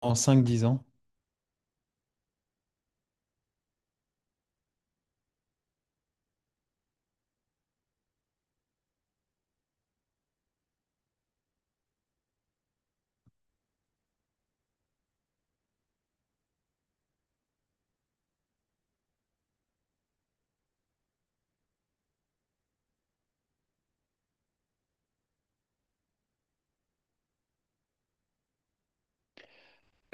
En cinq dix ans.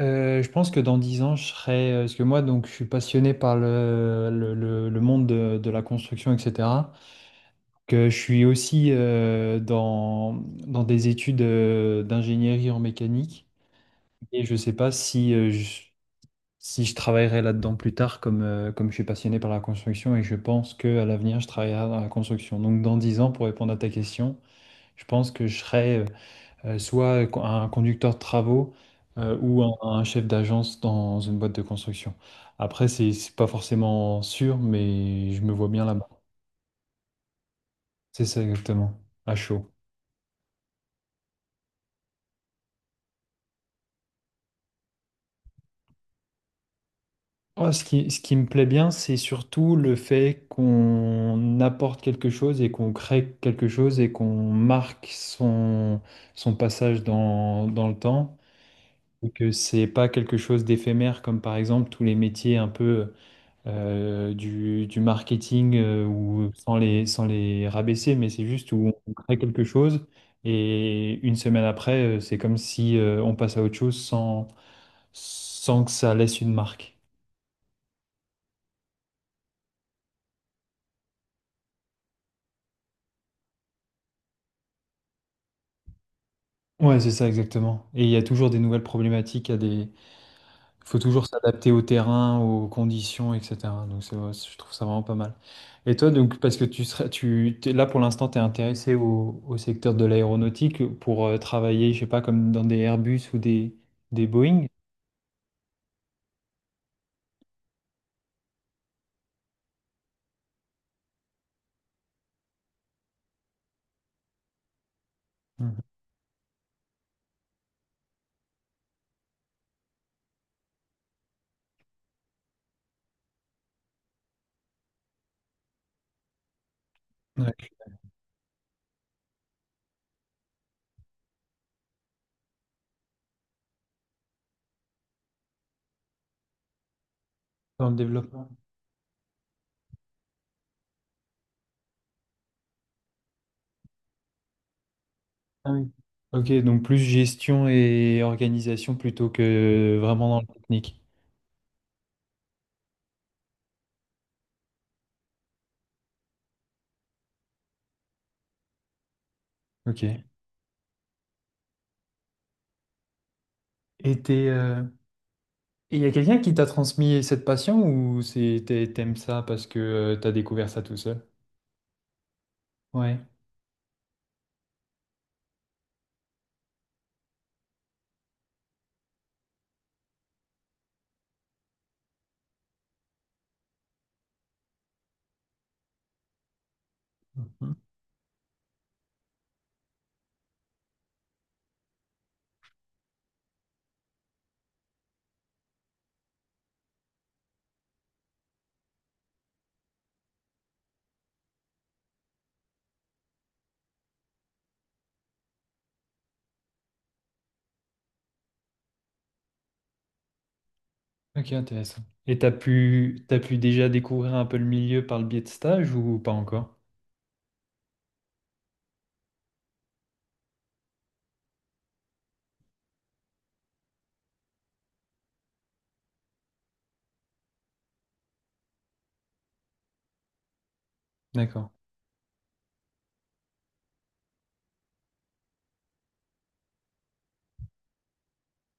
Je pense que dans 10 ans, je serai. Parce que moi, donc, je suis passionné par le monde de la construction, etc. Que je suis aussi dans des études d'ingénierie en mécanique. Et je ne sais pas si je travaillerai là-dedans plus tard, comme je suis passionné par la construction. Et je pense qu'à l'avenir, je travaillerai dans la construction. Donc, dans 10 ans, pour répondre à ta question, je pense que je serai. Soit un conducteur de travaux ou un chef d'agence dans une boîte de construction. Après, c'est pas forcément sûr, mais je me vois bien là-bas. C'est ça exactement, à chaud. Moi, ce qui me plaît bien, c'est surtout le fait qu'on apporte quelque chose et qu'on crée quelque chose et qu'on marque son passage dans le temps. Et que c'est pas quelque chose d'éphémère, comme par exemple tous les métiers un peu du marketing ou sans les rabaisser, mais c'est juste où on crée quelque chose et une semaine après, c'est comme si on passe à autre chose sans que ça laisse une marque. Ouais, c'est ça exactement. Et il y a toujours des nouvelles faut toujours s'adapter au terrain, aux conditions, etc. Je trouve ça vraiment pas mal. Et toi, donc, parce que tu serais, tu, t'es- là pour l'instant, tu es intéressé au secteur de l'aéronautique pour travailler, je sais pas, comme dans des Airbus ou des Boeing. Mhm. Ouais, dans le développement. Ah oui. Ok, donc plus gestion et organisation plutôt que vraiment dans le technique. Ok. Et y a quelqu'un qui t'a transmis cette passion ou t'aimes ça parce que tu as découvert ça tout seul? Ouais. Ok, intéressant. Et t'as pu déjà découvrir un peu le milieu par le biais de stage ou pas encore? D'accord.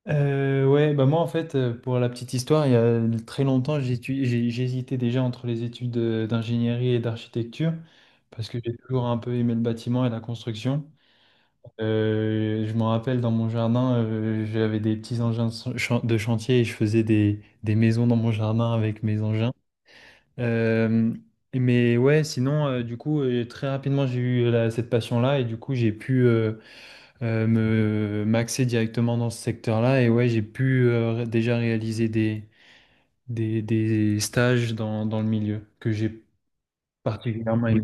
Ouais, bah moi en fait, pour la petite histoire, il y a très longtemps, j'hésitais déjà entre les études d'ingénierie et d'architecture parce que j'ai toujours un peu aimé le bâtiment et la construction. Je me rappelle dans mon jardin, j'avais des petits engins de chantier et je faisais des maisons dans mon jardin avec mes engins. Euh, mais ouais, sinon, du coup, très rapidement, j'ai eu cette passion-là et du coup, j'ai pu me m'axer directement dans ce secteur-là. Et ouais, j'ai pu déjà réaliser des stages dans le milieu que j'ai particulièrement aimé.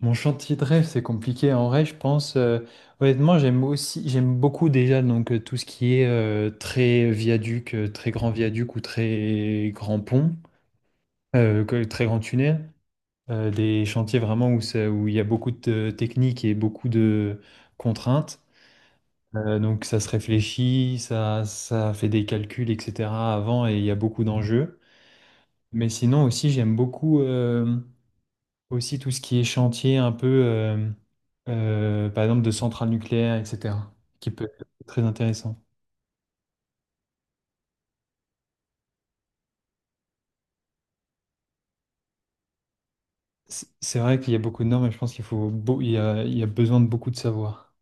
Mon chantier de rêve, c'est compliqué. En vrai, je pense, honnêtement, j'aime beaucoup déjà donc, tout ce qui est très viaduc, très grand viaduc ou très grand pont, très grand tunnel. Des chantiers vraiment où il y a beaucoup de techniques et beaucoup de contraintes. Donc ça se réfléchit, ça fait des calculs, etc. avant, et il y a beaucoup d'enjeux. Mais sinon aussi, j'aime beaucoup aussi tout ce qui est chantier un peu, par exemple, de centrales nucléaires, etc., qui peut être très intéressant. C'est vrai qu'il y a beaucoup de normes et je pense qu'il faut, beau- il y a besoin de beaucoup de savoir.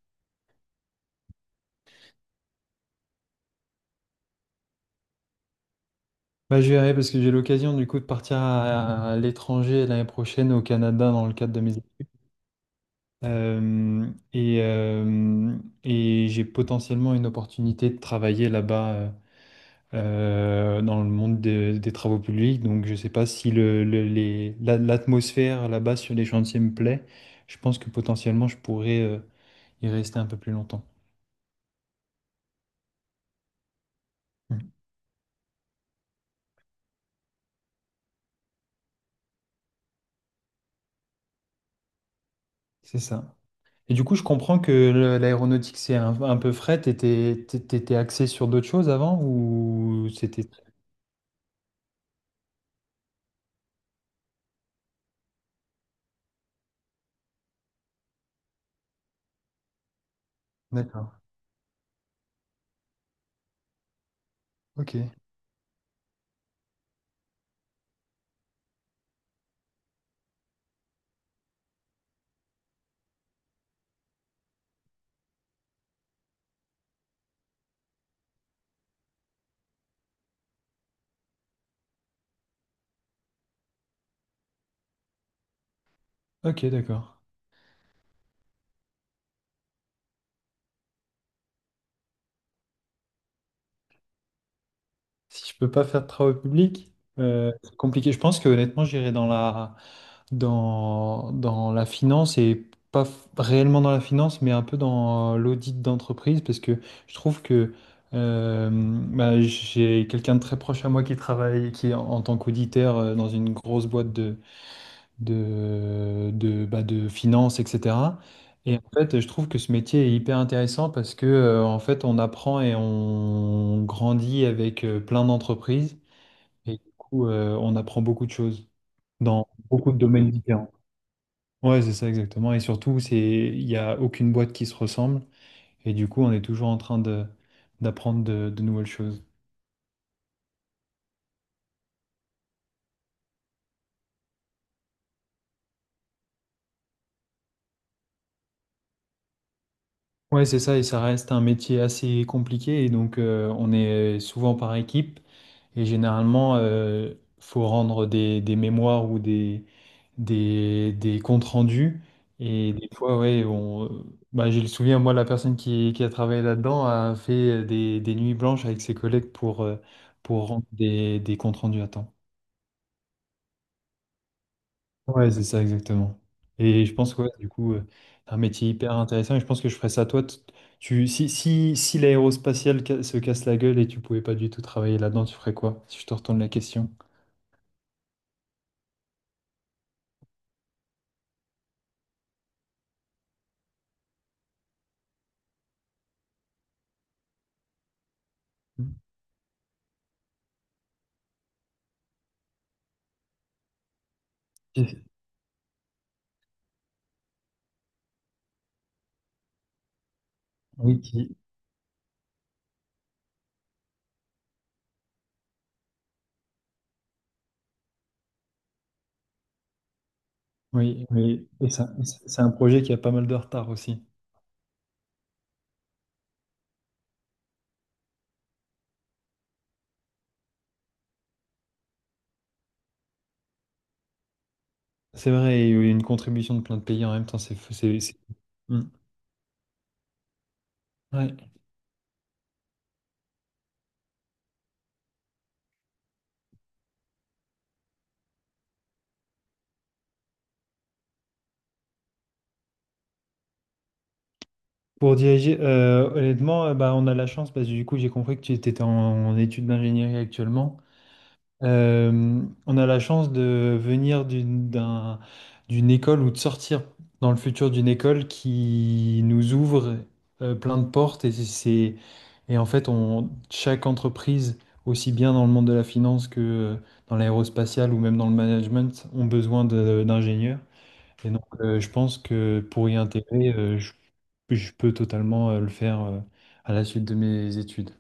Bah, je verrai parce que j'ai l'occasion du coup de partir à l'étranger l'année prochaine au Canada dans le cadre de mes études. Euh, et euh, et j'ai potentiellement une opportunité de travailler là-bas dans le monde des travaux publics. Donc je ne sais pas si l'atmosphère là-bas sur les chantiers me plaît. Je pense que potentiellement je pourrais y rester un peu plus longtemps. Mm. C'est ça. Et du coup, je comprends que l'aéronautique, c'est un peu fret. T'étais axé sur d'autres choses avant ou c'était... D'accord. Ok. Ok, d'accord. Si je peux pas faire de travaux publics, c'est compliqué. Je pense que honnêtement, j'irai dans la finance et pas f- réellement dans la finance, mais un peu dans l'audit d'entreprise parce que je trouve que bah, j'ai quelqu'un de très proche à moi qui travaille, qui est en tant qu'auditeur dans une grosse boîte de bah, de finances, etc. Et en fait, je trouve que ce métier est hyper intéressant parce que, en fait, on apprend et on grandit avec plein d'entreprises. Et du coup, on apprend beaucoup de choses dans beaucoup de domaines différents. Ouais, c'est ça exactement. Et surtout, c'est, il n'y a aucune boîte qui se ressemble. Et du coup, on est toujours en train d'apprendre de nouvelles choses. Ouais, c'est ça, et ça reste un métier assez compliqué, et donc on est souvent par équipe, et généralement, faut rendre des mémoires ou des comptes rendus, et des fois, ouais, on, bah, j'ai le souvenir, moi, la personne qui a travaillé là-dedans a fait des nuits blanches avec ses collègues pour rendre des comptes rendus à temps. Ouais, c'est ça, exactement. Et je pense que ouais, du coup, c'est un métier hyper intéressant et je pense que je ferais ça Tu, si l'aérospatiale se casse la gueule et tu pouvais pas du tout travailler là-dedans, tu ferais quoi? Si je te retourne la question. Hmm. Oui, qui- oui, oui. Et c'est un projet qui a pas mal de retard aussi. C'est vrai, il y a eu une contribution de plein de pays en même temps, c'est... Hmm. Ouais. Pour diriger, honnêtement, bah, on a la chance parce que du coup, j'ai compris que tu étais en études d'ingénierie actuellement. Euh, on a la chance de venir d'une école ou de sortir dans le futur d'une école qui nous ouvre plein de portes, et c'est et en fait on chaque entreprise aussi bien dans le monde de la finance que dans l'aérospatiale ou même dans le management ont besoin d'ingénieurs, et donc je pense que pour y intégrer je peux totalement le faire à la suite de mes études.